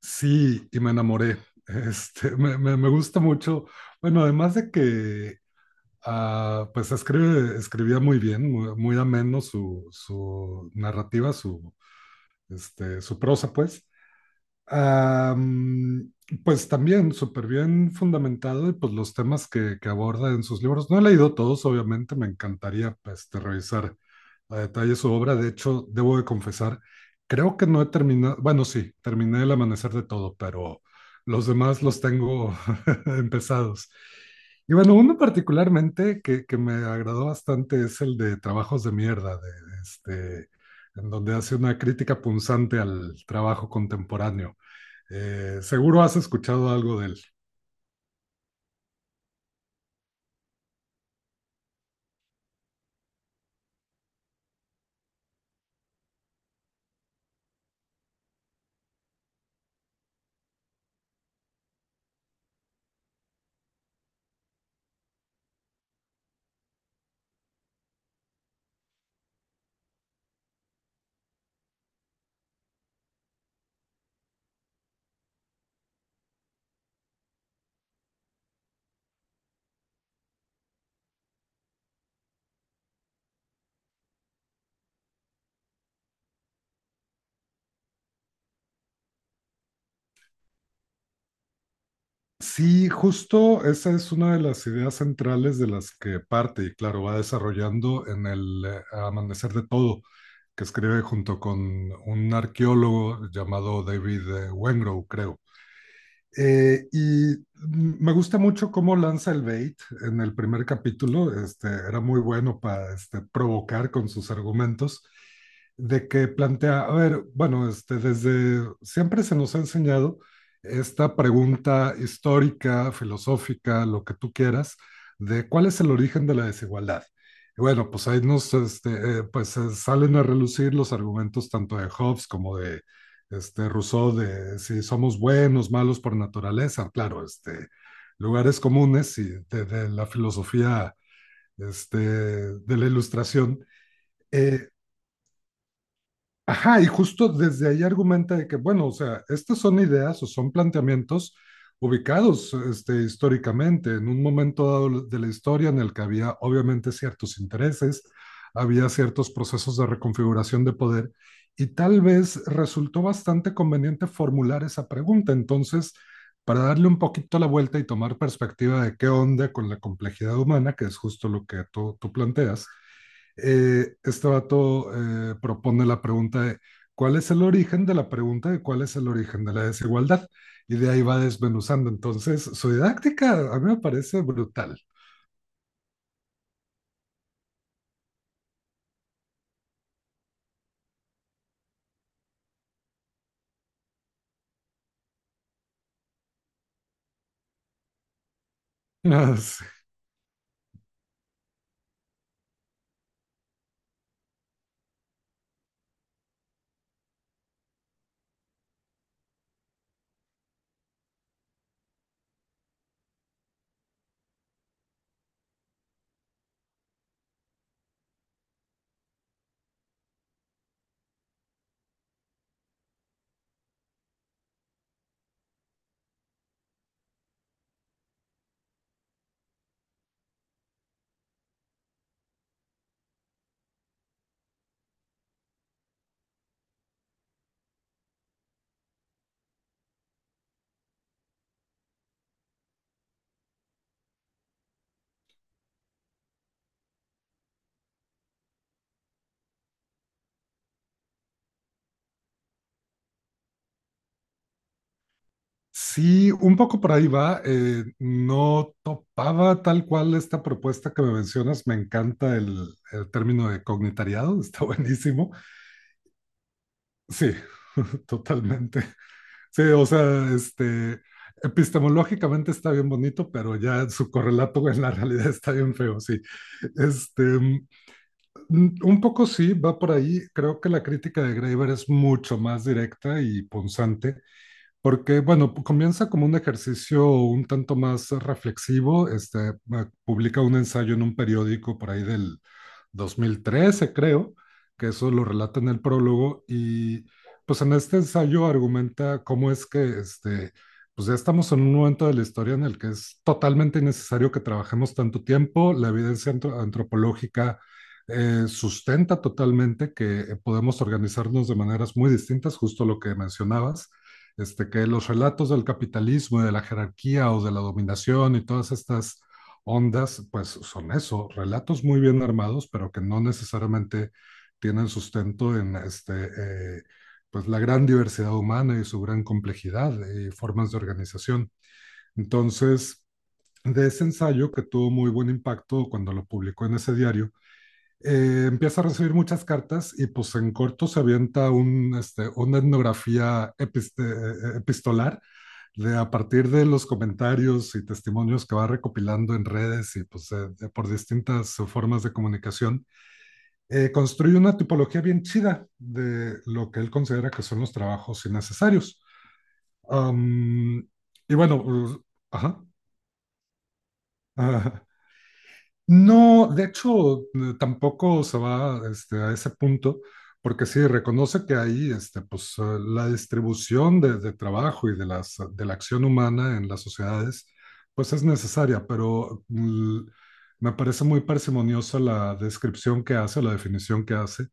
Sí, y me enamoré. Me gusta mucho. Bueno, además de que pues escribía muy bien, muy, muy ameno su narrativa, su prosa, pues. Am, pues también súper bien fundamentado y pues los temas que aborda en sus libros. No he leído todos, obviamente, me encantaría pues, revisar a detalle su obra. De hecho, debo de confesar, creo que no he terminado, bueno, sí, terminé El Amanecer de Todo, pero los demás los tengo empezados. Y bueno, uno particularmente que me agradó bastante es el de Trabajos de Mierda, en donde hace una crítica punzante al trabajo contemporáneo. Seguro has escuchado algo de él. Sí, justo esa es una de las ideas centrales de las que parte y claro, va desarrollando en el Amanecer de Todo, que escribe junto con un arqueólogo llamado David Wengrow, creo. Y me gusta mucho cómo lanza el bait en el primer capítulo. Era muy bueno para provocar con sus argumentos de que plantea, a ver, bueno, desde siempre se nos ha enseñado esta pregunta histórica, filosófica, lo que tú quieras, de cuál es el origen de la desigualdad. Y bueno, pues ahí nos pues, salen a relucir los argumentos tanto de Hobbes como de este Rousseau de si somos buenos, malos por naturaleza, claro, lugares comunes y de la filosofía de la ilustración. Eh, Ajá, y justo desde ahí argumenta de que, bueno, o sea, estas son ideas o son planteamientos ubicados históricamente, en un momento dado de la historia en el que había obviamente ciertos intereses, había ciertos procesos de reconfiguración de poder, y tal vez resultó bastante conveniente formular esa pregunta. Entonces, para darle un poquito la vuelta y tomar perspectiva de qué onda con la complejidad humana, que es justo lo que tú planteas, este vato propone la pregunta de cuál es el origen de la pregunta de cuál es el origen de la desigualdad. Y de ahí va desmenuzando. Entonces, su didáctica a mí me parece brutal. Sí, un poco por ahí va. No topaba tal cual esta propuesta que me mencionas. Me encanta el término de cognitariado, está buenísimo. Sí, totalmente. Sí, o sea, epistemológicamente está bien bonito, pero ya su correlato en la realidad está bien feo, sí. Este, mm, un poco sí, va por ahí. Creo que la crítica de Graeber es mucho más directa y punzante. Porque, bueno, comienza como un ejercicio un tanto más reflexivo. Publica un ensayo en un periódico por ahí del 2013 creo, que eso lo relata en el prólogo. Y pues en este ensayo argumenta cómo es que, pues ya estamos en un momento de la historia en el que es totalmente innecesario que trabajemos tanto tiempo. La evidencia antropológica sustenta totalmente que podemos organizarnos de maneras muy distintas, justo lo que mencionabas que los relatos del capitalismo y de la jerarquía o de la dominación y todas estas ondas, pues son eso, relatos muy bien armados, pero que no necesariamente tienen sustento en pues la gran diversidad humana y su gran complejidad y formas de organización. Entonces, de ese ensayo que tuvo muy buen impacto cuando lo publicó en ese diario, empieza a recibir muchas cartas y pues en corto se avienta una etnografía epistolar de a partir de los comentarios y testimonios que va recopilando en redes y pues por distintas formas de comunicación, construye una tipología bien chida de lo que él considera que son los trabajos innecesarios. Um, y bueno, ajá, uh, no, de hecho, tampoco se va a ese punto, porque sí, reconoce que ahí pues, la distribución de trabajo y de la acción humana en las sociedades pues es necesaria, pero me parece muy parsimoniosa la descripción que hace, la definición que hace,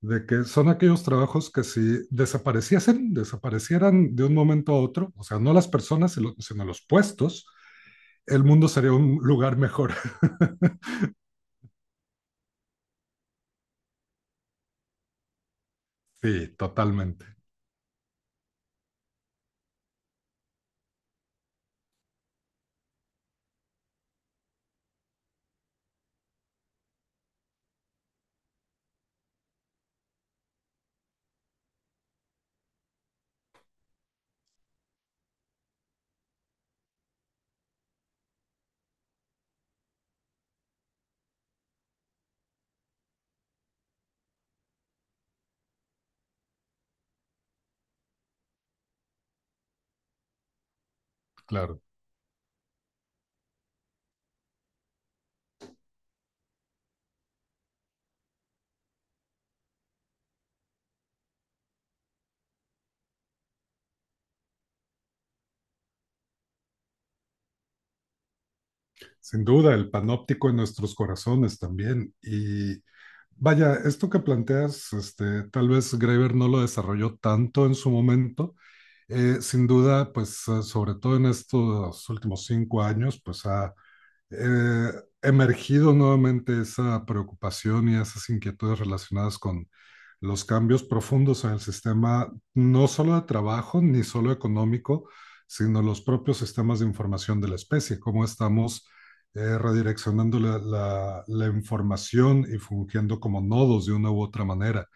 de que son aquellos trabajos que si desapareciesen, desaparecieran de un momento a otro, o sea, no las personas, sino los puestos, el mundo sería un lugar mejor. Sí, totalmente, claro. Sin duda, el panóptico en nuestros corazones también. Y vaya, esto que planteas, tal vez Graeber no lo desarrolló tanto en su momento. Sin duda, pues sobre todo en estos últimos 5 años, pues ha eh, emergido nuevamente esa preocupación y esas inquietudes relacionadas con los cambios profundos en el sistema, no solo de trabajo ni solo económico, sino los propios sistemas de información de la especie, cómo estamos redireccionando la información y fungiendo como nodos de una u otra manera.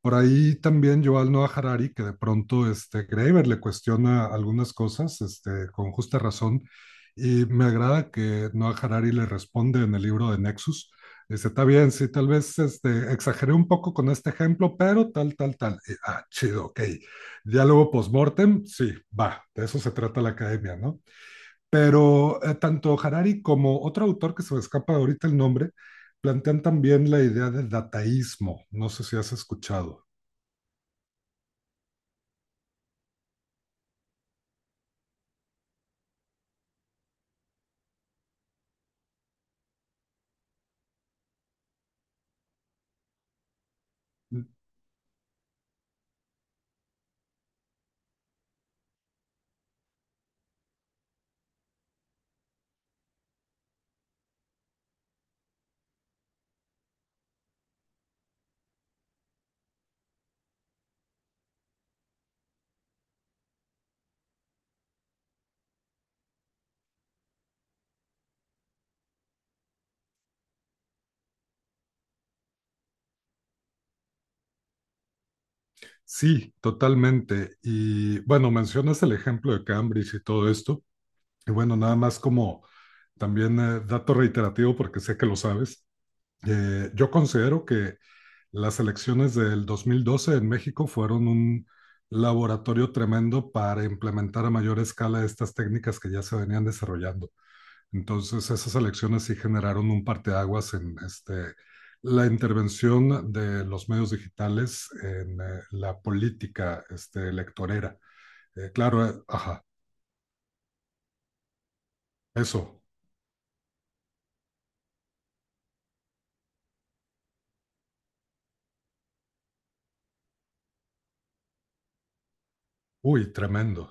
Por ahí también Yuval Noah Harari, que de pronto Graeber le cuestiona algunas cosas con justa razón, y me agrada que Noah Harari le responde en el libro de Nexus. Dice, está bien, sí, tal vez exageré un poco con este ejemplo, pero tal, tal, tal. Y, chido, ok. Diálogo postmortem, sí, va, de eso se trata la academia, ¿no? Pero tanto Harari como otro autor que se me escapa ahorita el nombre, plantean también la idea de dataísmo. No sé si has escuchado. Mm. Sí, totalmente. Y bueno, mencionas el ejemplo de Cambridge y todo esto. Y bueno, nada más como también dato reiterativo, porque sé que lo sabes, yo considero que las elecciones del 2012 en México fueron un laboratorio tremendo para implementar a mayor escala estas técnicas que ya se venían desarrollando. Entonces, esas elecciones sí generaron un parteaguas en la intervención de los medios digitales en la política electorera. Claro, ajá, eso. Uy, tremendo.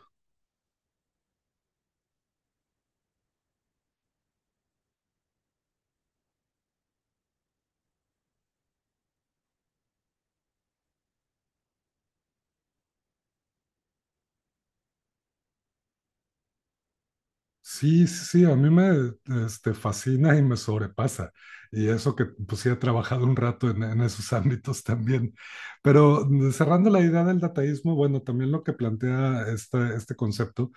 Sí, sí, sí, a mí me fascina y me sobrepasa. Y eso que pues sí he trabajado un rato en esos ámbitos también. Pero cerrando la idea del dataísmo, bueno, también lo que plantea este concepto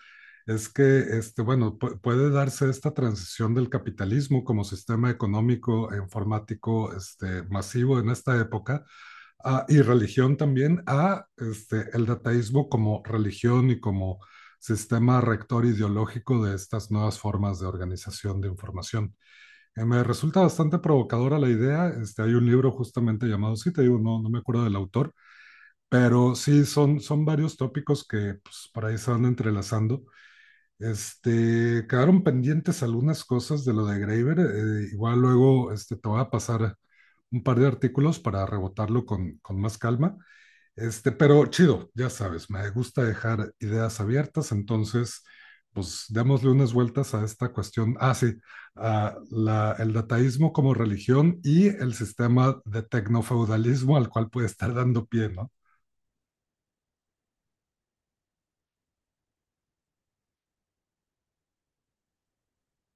es que, bueno, puede darse esta transición del capitalismo como sistema económico e informático masivo en esta época y religión también a el dataísmo como religión y como sistema rector ideológico de estas nuevas formas de organización de información. Me resulta bastante provocadora la idea. Hay un libro justamente llamado, sí, te digo, no, no me acuerdo del autor, pero sí, son varios tópicos que pues, por ahí se van entrelazando. Quedaron pendientes algunas cosas de lo de Graeber. Igual luego te voy a pasar un par de artículos para rebotarlo con más calma. Pero chido, ya sabes, me gusta dejar ideas abiertas, entonces, pues démosle unas vueltas a esta cuestión. Ah, sí, el dataísmo como religión y el sistema de tecnofeudalismo al cual puede estar dando pie, ¿no?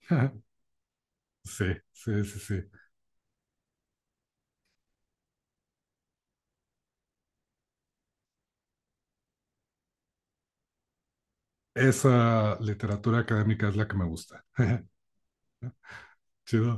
Sí, sí, sí, sí. Esa literatura académica es la que me gusta. Chido.